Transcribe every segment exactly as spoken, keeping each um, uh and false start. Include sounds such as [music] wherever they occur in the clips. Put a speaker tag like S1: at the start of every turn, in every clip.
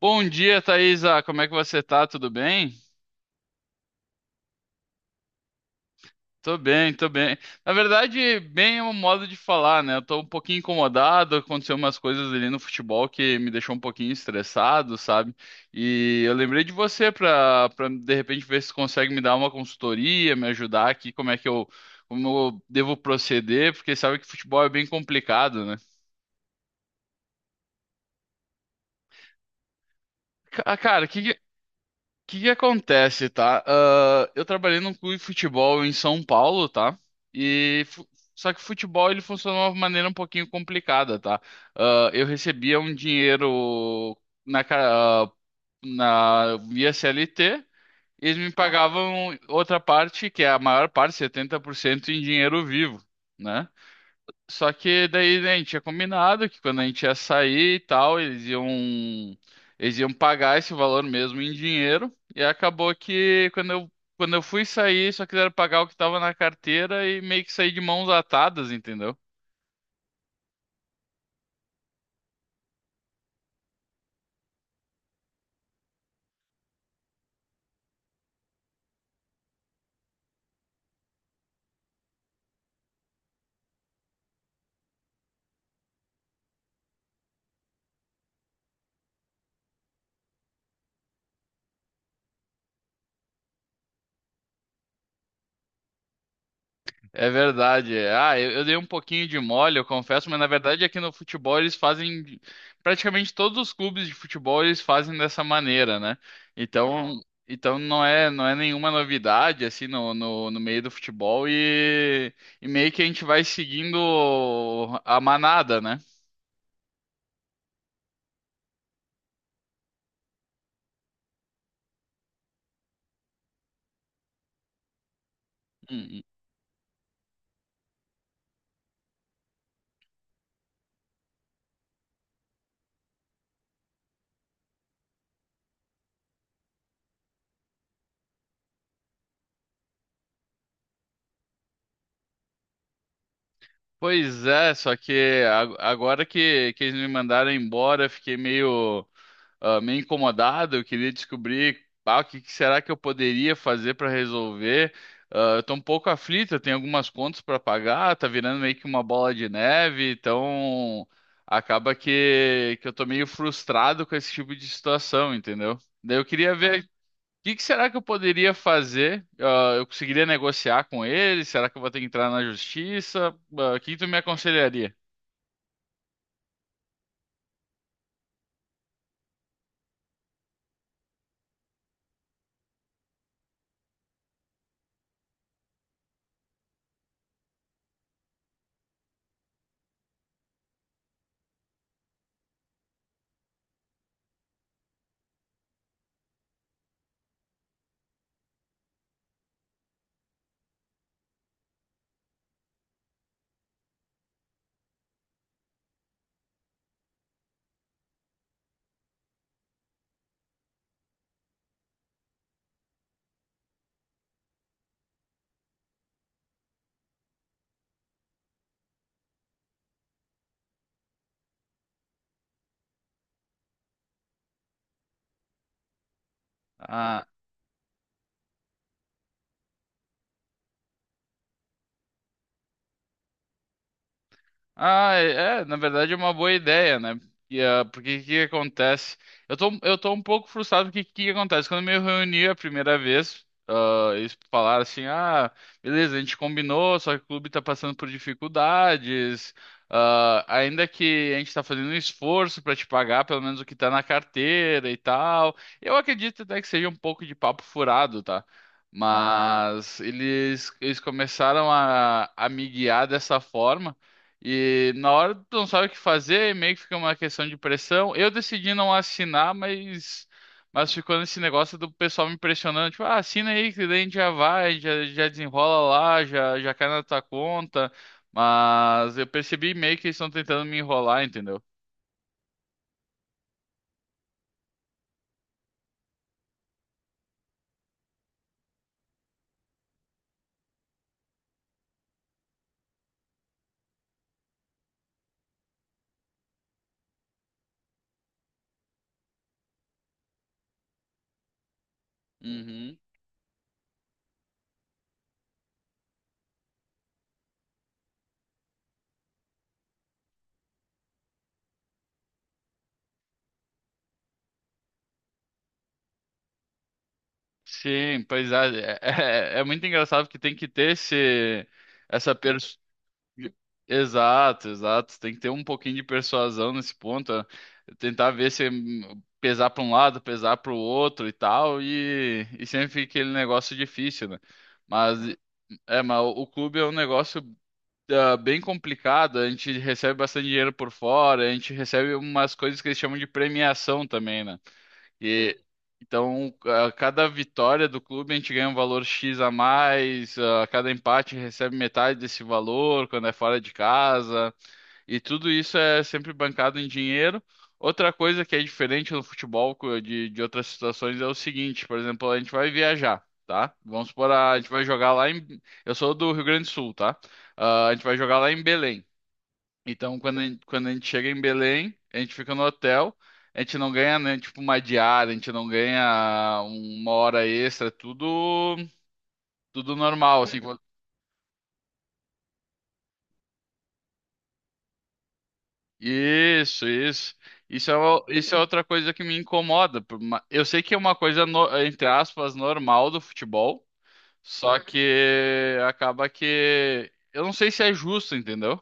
S1: Bom dia, Thaisa. Como é que você tá? Tudo bem? Tô bem, tô bem. Na verdade, bem é um modo de falar, né? Eu tô um pouquinho incomodado, aconteceu umas coisas ali no futebol que me deixou um pouquinho estressado, sabe? E eu lembrei de você pra, pra de repente ver se consegue me dar uma consultoria, me ajudar aqui, como é que eu, como eu devo proceder, porque sabe que futebol é bem complicado, né? Ca- Cara, o que O que que acontece, tá? Ah, eu trabalhei num clube de futebol em São Paulo, tá? E fu- Só que o futebol ele funcionou de uma maneira um pouquinho complicada, tá? Ah, eu recebia um dinheiro na, ca- ah, na via C L T, e eles me pagavam outra parte, que é a maior parte, setenta por cento em dinheiro vivo, né? Só que daí né, a gente tinha combinado que quando a gente ia sair e tal, eles iam, eles iam pagar esse valor mesmo em dinheiro. E acabou que quando eu, quando eu fui sair, só quiseram pagar o que estava na carteira e meio que saí de mãos atadas, entendeu? É verdade. Ah, eu, eu dei um pouquinho de mole, eu confesso, mas na verdade aqui no futebol eles fazem. Praticamente todos os clubes de futebol eles fazem dessa maneira, né? Então, então não é, não é nenhuma novidade, assim, no, no, no meio do futebol e, e meio que a gente vai seguindo a manada, né? Hum. Hum. Pois é, só que a- agora que, que eles me mandaram embora, eu fiquei meio. Ah, meio incomodado, eu queria descobrir ah, o que que será que eu poderia fazer para resolver. Ah, eu estou um pouco aflito, eu tenho algumas contas para pagar, tá virando meio que uma bola de neve, então acaba que, que eu tô meio frustrado com esse tipo de situação, entendeu? Daí eu queria ver o que que será que eu poderia fazer? Ah, eu conseguiria negociar com ele? Será que eu vou ter que entrar na justiça? Ah, o que que tu me aconselharia? Ah. Ah, é, é, na verdade é uma boa ideia, né? E, ah, porque o que acontece? Eu tô, eu tô um pouco frustrado porque o que acontece? Quando eu me reuni a primeira vez, ah, eles falaram assim, ah, beleza, a gente combinou, só que o clube tá passando por dificuldades, ah, ainda que a gente tá fazendo um esforço pra te pagar pelo menos o que tá na carteira e tal. Eu acredito até que seja um pouco de papo furado, tá? Mas eles, eles começaram a, a me guiar dessa forma. E na hora tu não sabe o que fazer, meio que fica uma questão de pressão. Eu decidi não assinar, mas, mas ficou nesse negócio do pessoal me pressionando, tipo, ah, assina aí, que daí a gente já vai, já, já desenrola lá, já, já cai na tua conta. Mas eu percebi meio que eles estão tentando me enrolar, entendeu? Uhum. Sim, pois é, é, é é muito engraçado porque tem que ter esse, essa per- exato, exato. Tem que ter um pouquinho de persuasão nesse ponto, eh, tentar ver se hum, pesar para um lado, pesar para o outro e tal, e, e sempre fica aquele negócio difícil, né? Mas é, mas o o clube é um negócio ah, bem complicado. A gente recebe bastante dinheiro por fora, a gente recebe umas coisas que eles chamam de premiação também, né? E, então, a cada vitória do clube, a gente ganha um valor X a mais, a cada empate recebe metade desse valor quando é fora de casa, e tudo isso é sempre bancado em dinheiro. Outra coisa que é diferente no futebol co- de, de outras situações é o seguinte, por exemplo, a gente vai viajar, tá? Vamos supor, a a gente vai jogar lá em... Eu sou do Rio Grande do Sul, tá? Ah, a gente vai jogar lá em Belém. Então, quando a gente, quando a gente chega em Belém, a gente fica no hotel, a gente não ganha, né, tipo, uma diária, a gente não ganha uma hora extra, tudo, tudo normal, assim. quando- Isso, isso. Isso é, o- isso é outra coisa que me incomoda. por ma- Eu sei que é uma coisa, no- entre aspas, normal do futebol, só que acaba que... Eu não sei se é justo, entendeu?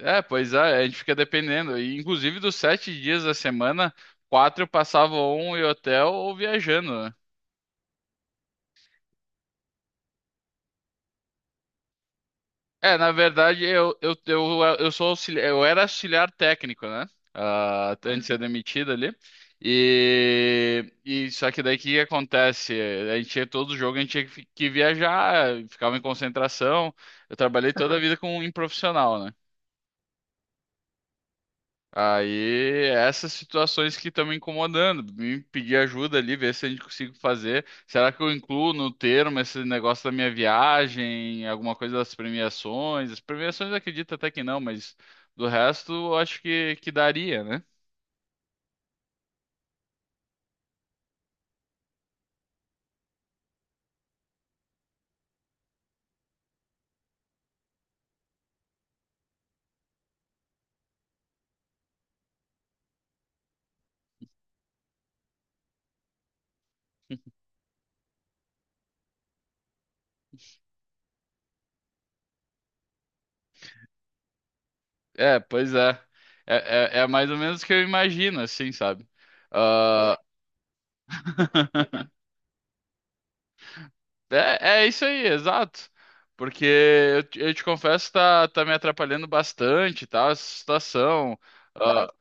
S1: É, pois é, a gente fica dependendo. E, inclusive, dos sete dias da semana, quatro passavam um em hotel ou viajando, né? É, na verdade, eu, eu, eu, eu sou auxiliar, eu era auxiliar técnico, né? Ah, antes de ser demitido ali. E, e só que daí o que que acontece? A gente tinha todo jogo, a gente tinha que, fi- que viajar, ficava em concentração. Eu trabalhei toda a [laughs] vida com um profissional, né? Aí, essas situações que estão me incomodando, me pedir ajuda ali, ver se a gente consigo fazer. Será que eu incluo no termo esse negócio da minha viagem, alguma coisa das premiações? As premiações eu acredito até que não, mas do resto eu acho que, que daria, né? É, pois é. É, é, é mais ou menos o que eu imagino, assim, sabe? Ah. [laughs] É, é isso aí, exato. Porque eu, te eu te confesso, tá, tá me atrapalhando bastante, tá? Essa situação. Ah.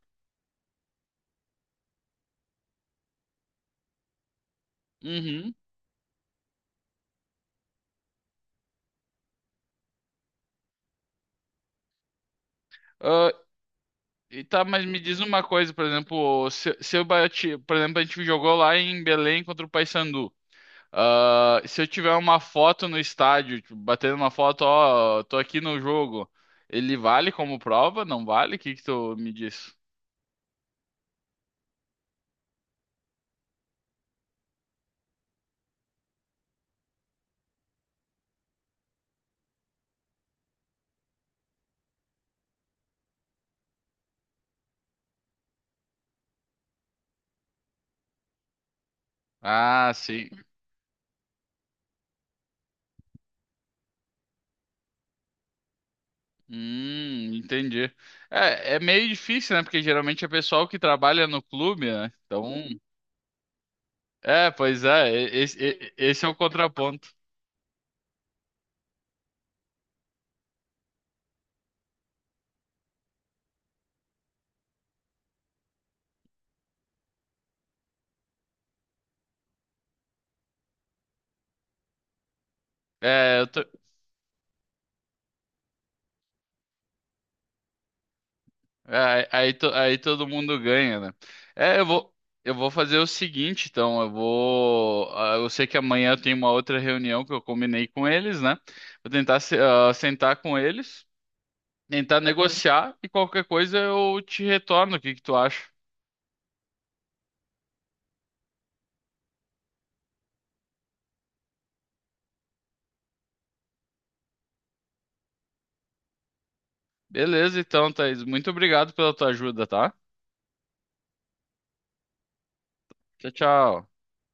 S1: Uhum. Ah, e tá, mas me diz uma coisa, por exemplo, se, se eu bati, por exemplo, a gente jogou lá em Belém contra o Paysandu. Ah, se eu tiver uma foto no estádio, tipo, batendo uma foto, ó, tô aqui no jogo, ele vale como prova? Não vale? O que que tu me diz? Ah, sim. Hum, entendi. É, é meio difícil, né? Porque geralmente é pessoal que trabalha no clube, né? Então, é, pois é, e- esse, e- esse é o contraponto. É, eu tô- é, aí, to- aí todo mundo ganha, né? É, eu vou, eu vou fazer o seguinte, então, eu vou, ah, eu sei que amanhã eu tenho uma outra reunião que eu combinei com eles, né? Vou tentar se- ah, sentar com eles, tentar negociar e qualquer coisa eu te retorno. O que que tu acha? Beleza, então, Thaís, muito obrigado pela tua ajuda, tá? Tchau, tchau.